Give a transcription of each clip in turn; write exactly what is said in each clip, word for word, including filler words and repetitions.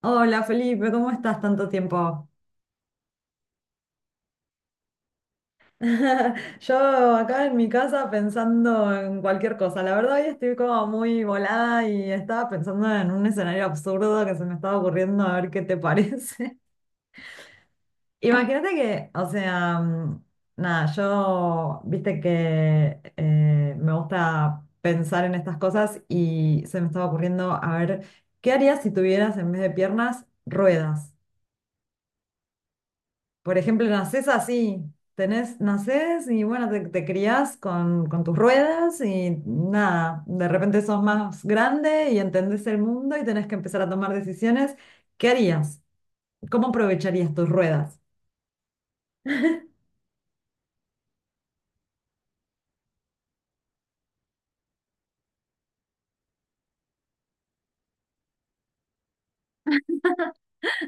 Hola Felipe, ¿cómo estás tanto tiempo? Yo acá en mi casa pensando en cualquier cosa. La verdad, hoy estoy como muy volada y estaba pensando en un escenario absurdo que se me estaba ocurriendo a ver qué te parece. Imagínate que, o sea, mm, nada, yo, viste que eh, me gusta pensar en estas cosas y se me estaba ocurriendo a ver qué harías si tuvieras en vez de piernas ruedas. Por ejemplo, nacés así, tenés, nacés y bueno, te, te criás con, con tus ruedas y nada, de repente sos más grande y entendés el mundo y tenés que empezar a tomar decisiones. ¿Qué harías? ¿Cómo aprovecharías tus ruedas?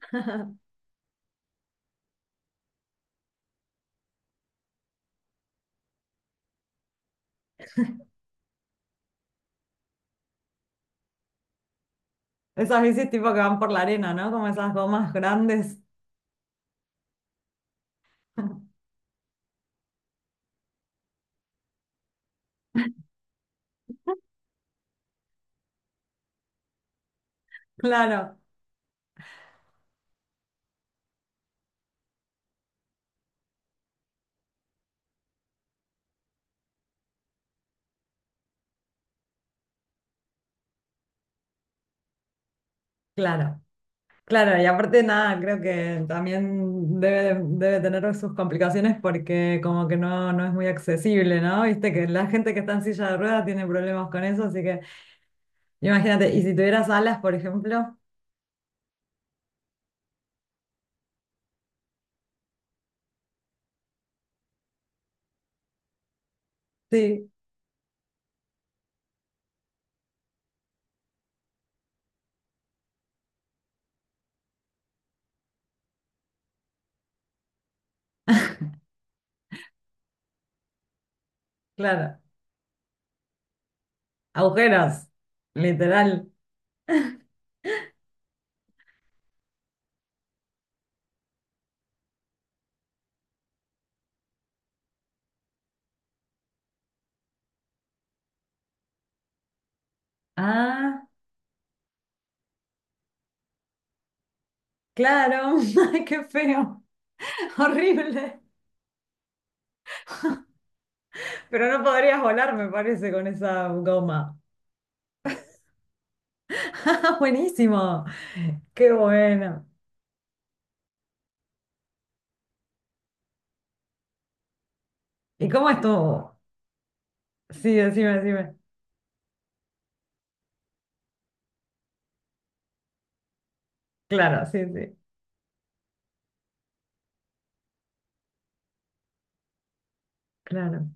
Esas bicis tipo que van por la arena, ¿no? Como esas gomas grandes. Claro, claro. Claro, y aparte nada, creo que también debe, debe tener sus complicaciones porque como que no, no es muy accesible, ¿no? Viste que la gente que está en silla de ruedas tiene problemas con eso, así que imagínate, y si tuvieras alas, por ejemplo, sí, claro, agujeros, literal. Ah, claro, ay, qué feo, horrible, pero no podrías volar, me parece, con esa goma. Buenísimo, qué bueno. ¿Y cómo estuvo? Sí, decime, decime. Claro, sí, sí, claro.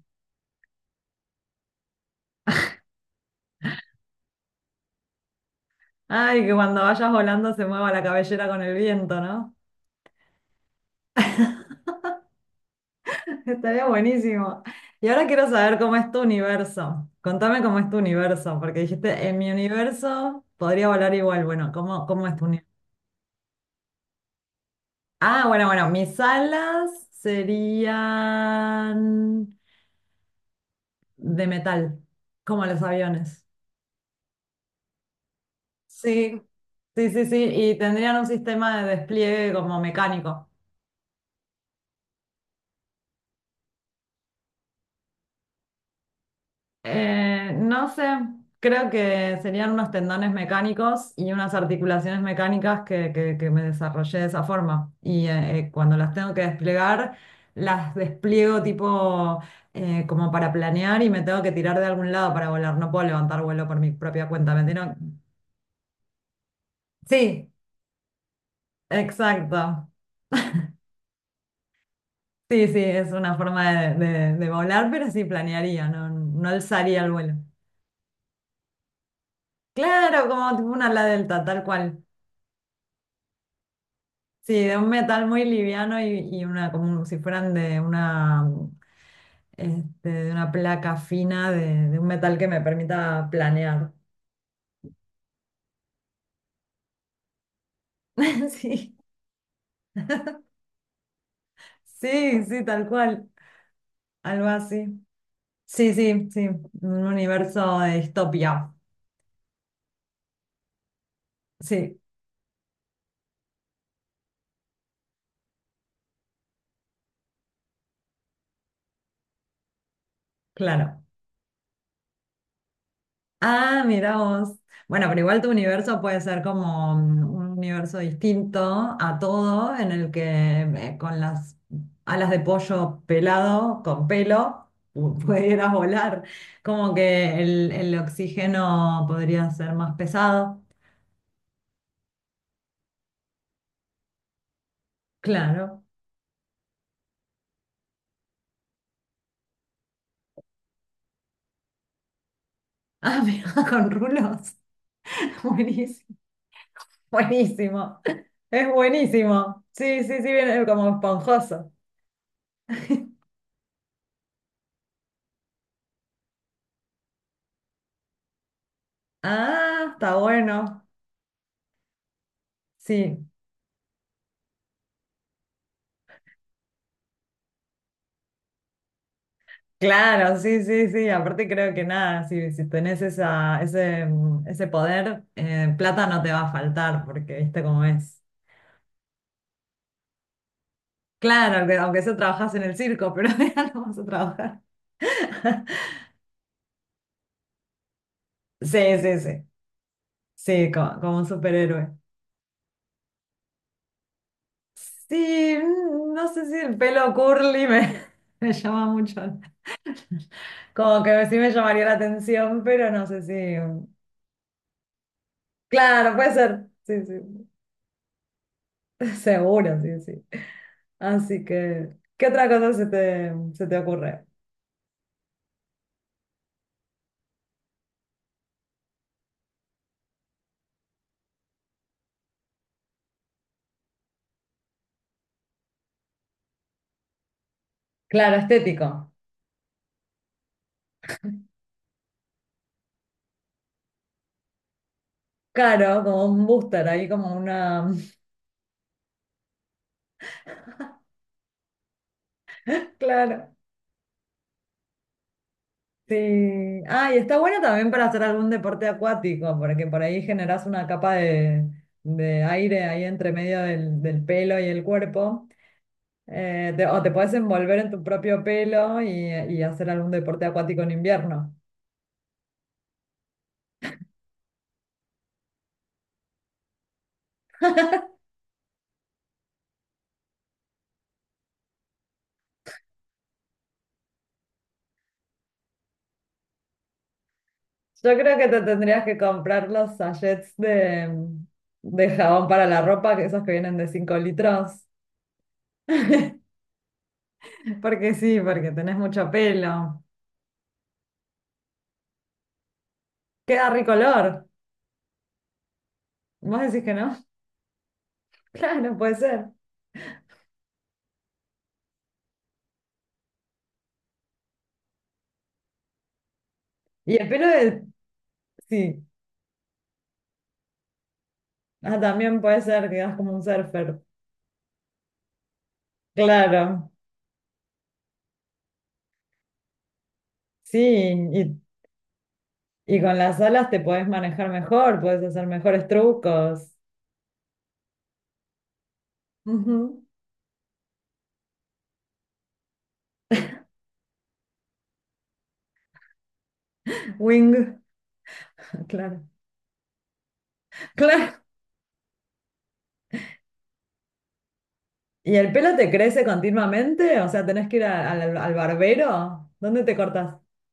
Ay, que cuando vayas volando se mueva la cabellera con el viento, ¿no? Estaría buenísimo. Y ahora quiero saber cómo es tu universo. Contame cómo es tu universo, porque dijiste, en mi universo podría volar igual. Bueno, ¿cómo, cómo es tu universo? Ah, bueno, bueno, mis alas serían de metal, como los aviones. Sí, Sí, sí, sí, y tendrían un sistema de despliegue como mecánico. Eh, no sé, creo que serían unos tendones mecánicos y unas articulaciones mecánicas que, que- que me desarrollé de esa forma. Y eh, eh, cuando las tengo que desplegar, las despliego tipo eh, como para planear y me tengo que tirar de algún lado para volar. No puedo levantar vuelo por mi propia cuenta, ¿me entienden? Sí, exacto. Sí, sí, es una forma de, de- de volar, pero sí planearía, no, no alzaría el vuelo. Claro, como tipo una ala delta, tal cual. Sí, de un metal muy liviano y, y una, como si fueran de una, este, de una placa fina de, de un metal que me permita planear. Sí, sí, sí, tal cual, algo así. Sí, sí, sí, un universo de distopia. Sí, claro. Ah, mira vos. Bueno, pero igual tu universo puede ser como mm, un universo distinto a todo, en el que eh, con las alas de pollo pelado, con pelo, pu- pudieras volar. Como que el, el oxígeno podría ser más pesado. Claro. Ah, mira, con rulos. Buenísimo. Buenísimo. Es buenísimo. Sí, sí, sí, viene como esponjoso. Ah, está bueno. Sí. Claro, sí, sí, sí. Aparte creo que nada, si, si tenés esa, ese, mm, ese poder, eh, plata no te va a faltar, porque viste cómo es. Claro, aunque, aunque eso trabajas en el circo, pero ya no vas a trabajar. Sí, sí, sí. Sí, co- como, un superhéroe. Sí, mm, no sé si el pelo curly me, me llama mucho. Como que sí me llamaría la atención, pero no sé si. Claro, puede ser. Sí, sí. Seguro, sí, sí. Así que, ¿qué otra cosa se te, se te ocurre? Claro, estético. Claro, como un booster, ahí como una... Claro. Sí. Ah, y está bueno también para hacer algún deporte acuático, porque por ahí generás una capa de, de aire ahí entre medio del, del pelo y el cuerpo. Eh, te- o te puedes envolver en tu propio pelo y, y hacer algún deporte acuático en invierno. Yo creo que te tendrías que comprar los sachets de, de jabón para la ropa, que esos que vienen de cinco litros. Porque sí, porque tenés mucho pelo. Queda ricolor. ¿Vos decís que no? Claro, puede ser. Y el pelo de... Sí. Ah, también puede ser que das como un surfer. Claro. Sí. Y, y con las alas te podés manejar mejor, podés hacer mejores trucos. Ujú. Wing. Claro. ¿Y el pelo te crece continuamente? O sea, ¿tenés que ir a- al, al barbero? ¿Dónde te cortas?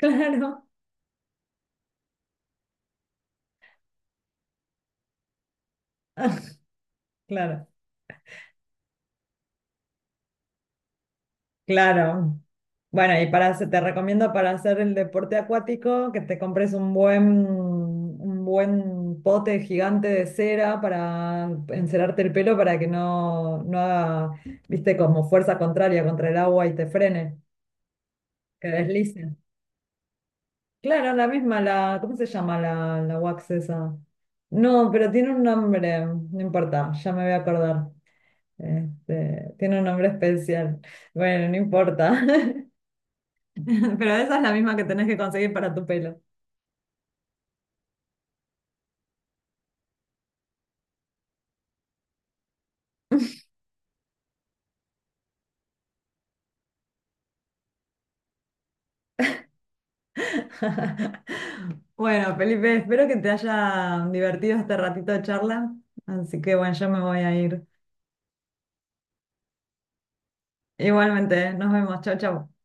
Claro, claro, claro. Bueno, y para, hacer- te recomiendo para hacer el deporte acuático que te compres un buen, un buen pote gigante de cera para encerarte el pelo para que no, no haga, viste, como fuerza contraria contra el agua y te frene, que deslice. Claro, la misma, la, ¿cómo se llama la, la wax esa? No, pero tiene un nombre, no importa, ya me voy a acordar. Este, tiene un nombre especial. Bueno, no importa. Pero esa es la misma que tenés que conseguir para tu pelo. Bueno, Felipe, espero que te haya divertido este ratito de charla. Así que bueno, yo me voy a ir. Igualmente, nos vemos. Chau, chau.